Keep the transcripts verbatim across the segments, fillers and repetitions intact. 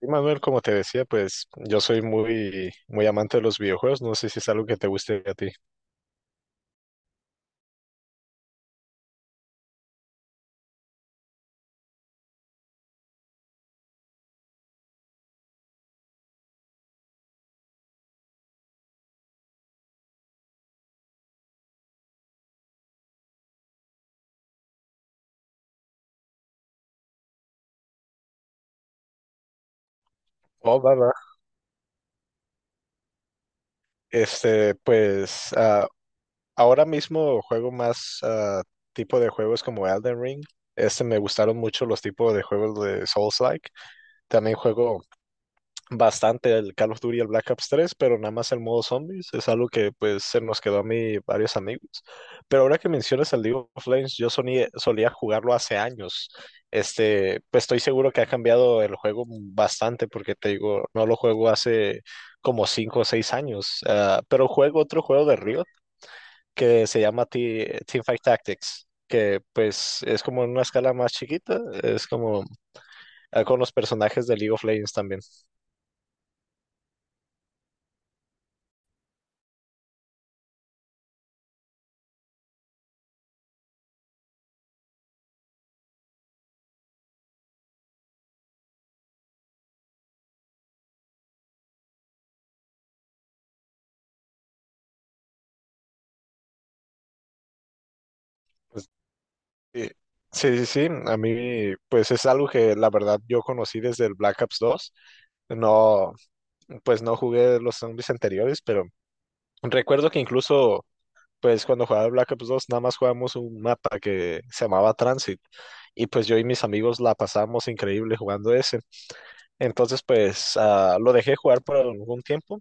Sí, Manuel, como te decía, pues yo soy muy, muy amante de los videojuegos. No sé si es algo que te guste a ti. Oh, va, va. Este, pues ah, Ahora mismo juego más ah, tipo de juegos como Elden Ring. Este me gustaron mucho los tipos de juegos de Souls-like. También juego bastante el Call of Duty y el Black Ops tres, pero nada más el modo zombies es algo que pues se nos quedó a mí varios amigos. Pero ahora que mencionas el League of Legends, yo sonía- solía jugarlo hace años. Este, pues estoy seguro que ha cambiado el juego bastante porque te digo, no lo juego hace como cinco o seis años. Ah, pero juego otro juego de Riot que se llama Te- Teamfight Tactics, que pues es como en una escala más chiquita, es como ah, con los personajes de League of Legends también. Sí, sí, sí, sí, a mí pues es algo que la verdad yo conocí desde el Black Ops dos. No, pues no jugué los zombies anteriores, pero recuerdo que incluso pues cuando jugaba el Black Ops dos, nada más jugábamos un mapa que se llamaba Transit, y pues yo y mis amigos la pasábamos increíble jugando ese. Entonces pues ah, lo dejé jugar por algún tiempo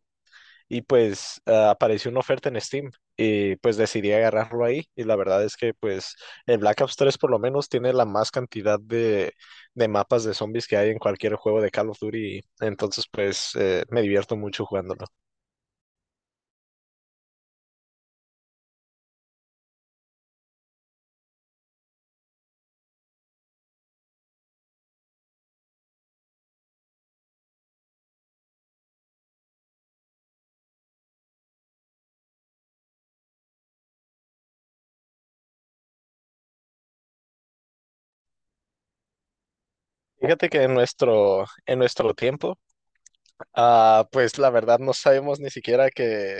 y pues ah, apareció una oferta en Steam y pues decidí agarrarlo ahí, y la verdad es que pues el Black Ops tres por lo menos tiene la más cantidad de, de mapas de zombies que hay en cualquier juego de Call of Duty, entonces pues eh, me divierto mucho jugándolo. Fíjate que en nuestro, en nuestro tiempo, ah, pues la verdad no sabemos ni siquiera que,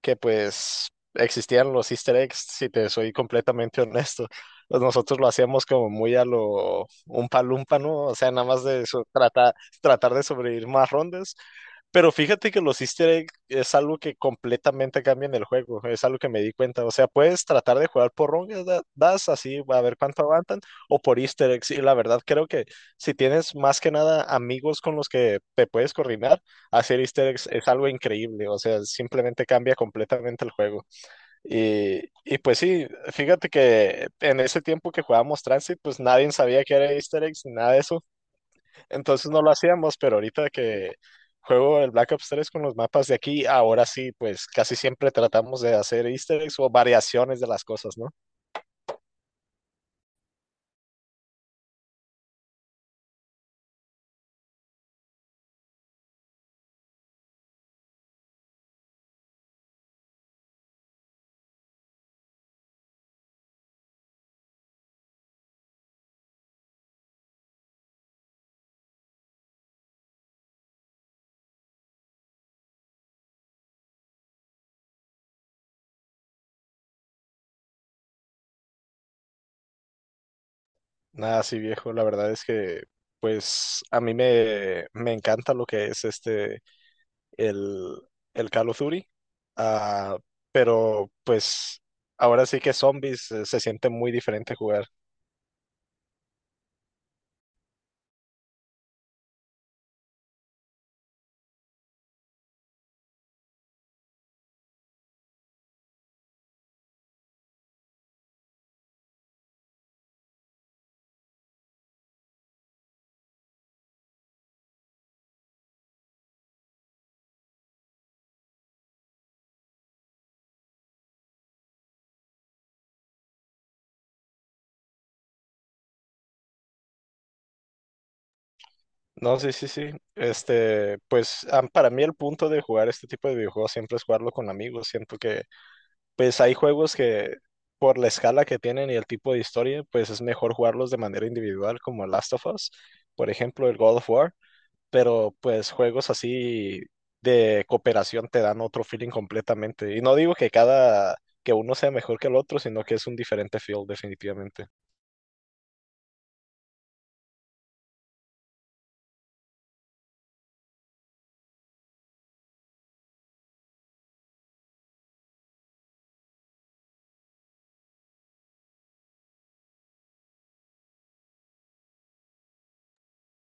que pues existían los easter eggs, si te soy completamente honesto. Pues nosotros lo hacíamos como muy a lo un palumpa, ¿no? O sea, nada más de eso, tratar, tratar de sobrevivir más rondas, pero fíjate que los easter eggs es algo que completamente cambia en el juego, es algo que me di cuenta. O sea, puedes tratar de jugar por rondas, da- das así, a ver cuánto aguantan, o por easter eggs. Y la verdad creo que si tienes más que nada amigos con los que te puedes coordinar, hacer easter eggs es algo increíble. O sea, simplemente cambia completamente el juego. Y, y pues sí, fíjate que en ese tiempo que jugábamos Transit, pues nadie sabía que era easter eggs ni nada de eso. Entonces no lo hacíamos, pero ahorita que juego el Black Ops tres con los mapas de aquí, ahora sí, pues casi siempre tratamos de hacer easter eggs o variaciones de las cosas, ¿no? Nada así viejo, la verdad es que pues a mí me, me encanta lo que es este, el, el Call of Duty, ah, pero pues ahora sí que zombies eh, se siente muy diferente jugar. No, sí, sí, sí. Este, pues ah, para mí el punto de jugar este tipo de videojuegos siempre es jugarlo con amigos. Siento que pues hay juegos que por la escala que tienen y el tipo de historia, pues es mejor jugarlos de manera individual, como Last of Us, por ejemplo, el God of War, pero pues juegos así de cooperación te dan otro feeling completamente. Y no digo que cada, que uno sea mejor que el otro, sino que es un diferente feel definitivamente.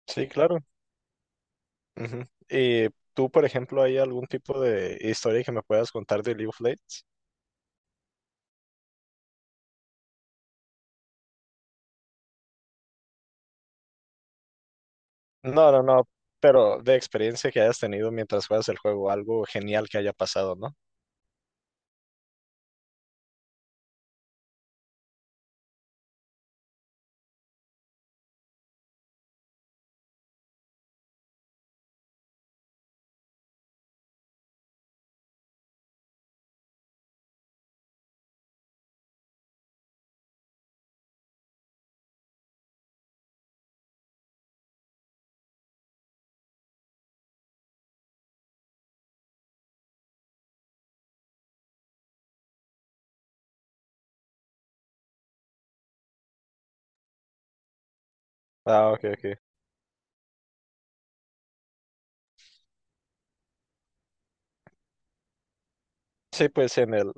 Sí, claro. Ujú. ¿Y tú, por ejemplo, hay algún tipo de historia que me puedas contar de League of Legends? No, no, no, pero de experiencia que hayas tenido mientras juegas el juego, algo genial que haya pasado, ¿no? Ah, ok, ok. Sí, pues en el,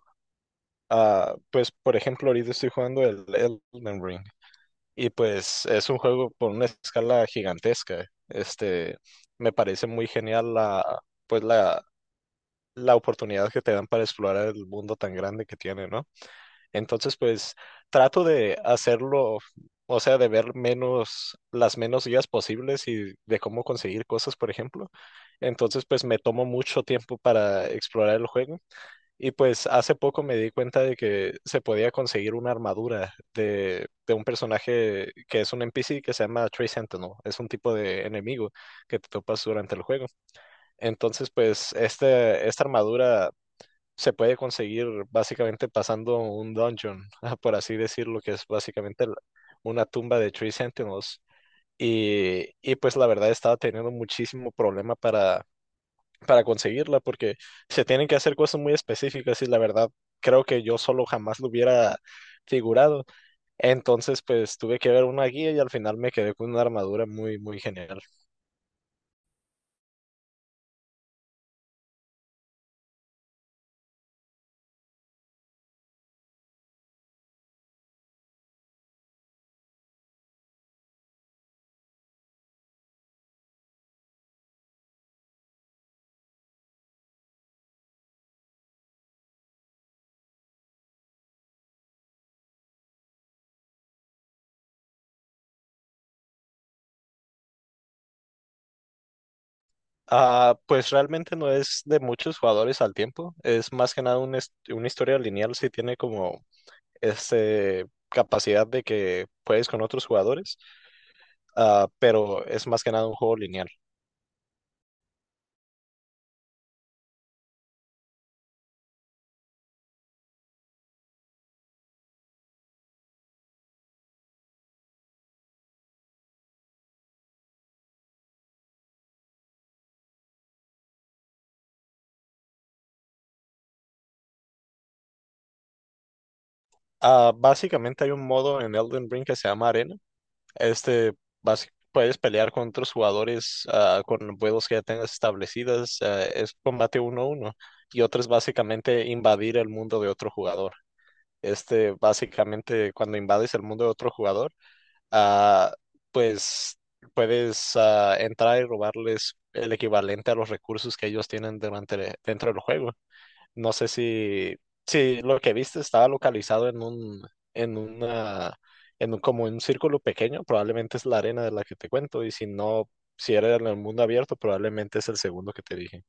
ah, pues por ejemplo, ahorita estoy jugando el Elden Ring y pues es un juego por una escala gigantesca. Este, me parece muy genial la, pues la, la oportunidad que te dan para explorar el mundo tan grande que tiene, ¿no? Entonces, pues trato de hacerlo, o sea, de ver menos, las menos guías posibles y de cómo conseguir cosas, por ejemplo. Entonces, pues me tomo mucho tiempo para explorar el juego. Y pues hace poco me di cuenta de que se podía conseguir una armadura de, de un personaje que es un N P C que se llama Tree Sentinel. Es un tipo de enemigo que te topas durante el juego. Entonces, pues este, esta armadura se puede conseguir básicamente pasando un dungeon, por así decirlo, que es básicamente la- una tumba de Three Sentinels. Y, y pues la verdad estaba teniendo muchísimo problema para, para conseguirla porque se tienen que hacer cosas muy específicas, y la verdad creo que yo solo jamás lo hubiera figurado. Entonces pues tuve que ver una guía y al final me quedé con una armadura muy, muy genial. Ah, pues realmente no es de muchos jugadores al tiempo, es más que nada un est- una historia lineal, si tiene como este, capacidad de que puedes con otros jugadores, ah, pero es más que nada un juego lineal. Ah, básicamente hay un modo en Elden Ring que se llama Arena. Este, basi- Puedes pelear con otros jugadores ah, con vuelos que ya tengas establecidas. Ah, es combate uno a uno. Y otro es básicamente invadir el mundo de otro jugador. Este, básicamente, cuando invades el mundo de otro jugador, ah, pues puedes ah, entrar y robarles el equivalente a los recursos que ellos tienen durante, dentro del juego. No sé si, si lo que viste estaba localizado en un, en una, en un, como un círculo pequeño, probablemente es la arena de la que te cuento, y si no, si era en el mundo abierto, probablemente es el segundo que te dije.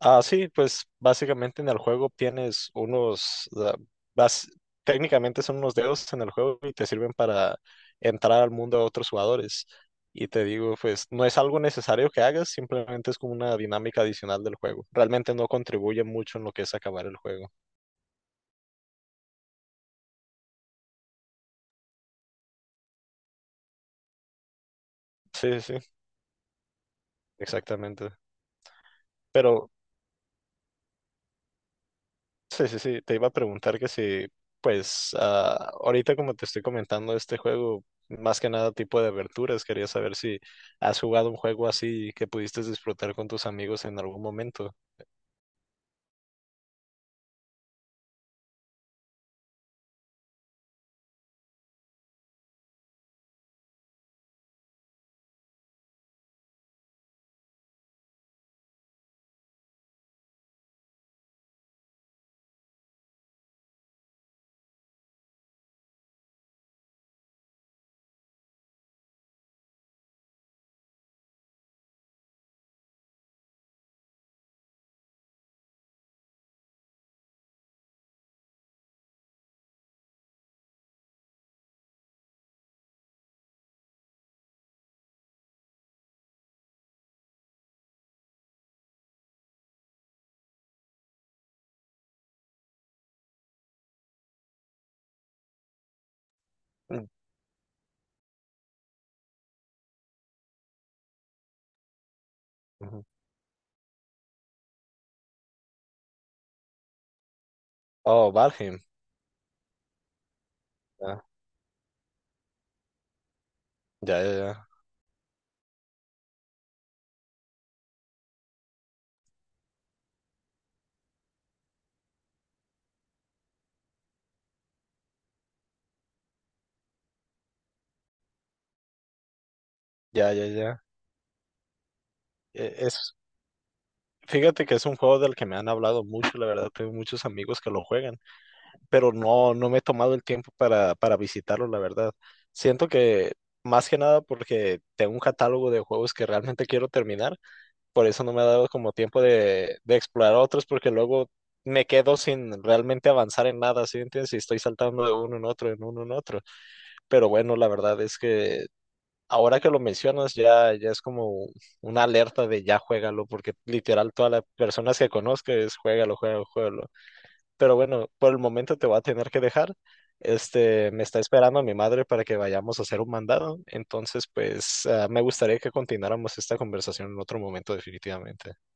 Ah, sí, pues básicamente en el juego tienes unos, ah, bas- técnicamente son unos dedos en el juego y te sirven para entrar al mundo de otros jugadores. Y te digo, pues no es algo necesario que hagas, simplemente es como una dinámica adicional del juego. Realmente no contribuye mucho en lo que es acabar el juego. Sí, sí, sí, exactamente. Pero sí, sí, sí, te iba a preguntar que si, pues, ah, ahorita como te estoy comentando este juego, más que nada tipo de aventuras, quería saber si has jugado un juego así que pudiste disfrutar con tus amigos en algún momento. Mm, ujú. Oh, Valheim. Ah, ya, ya, ya, ya, ya, ya. E- Es, fíjate que es un juego del que me han hablado mucho, la verdad, tengo muchos amigos que lo juegan. Pero no, no me he tomado el tiempo para, para visitarlo, la verdad. Siento que más que nada porque tengo un catálogo de juegos que realmente quiero terminar, por eso no me ha dado como tiempo de, de explorar otros, porque luego me quedo sin realmente avanzar en nada, ¿sí entiendes? Y estoy saltando de uno en otro, en uno en otro. Pero bueno, la verdad es que ahora que lo mencionas ya, ya es como una alerta de ya juégalo, porque literal todas las personas que conozco es juégalo, juégalo, juégalo. Pero bueno, por el momento te voy a tener que dejar. Este, me está esperando mi madre para que vayamos a hacer un mandado. Entonces, pues, ah, me gustaría que continuáramos esta conversación en otro momento, definitivamente.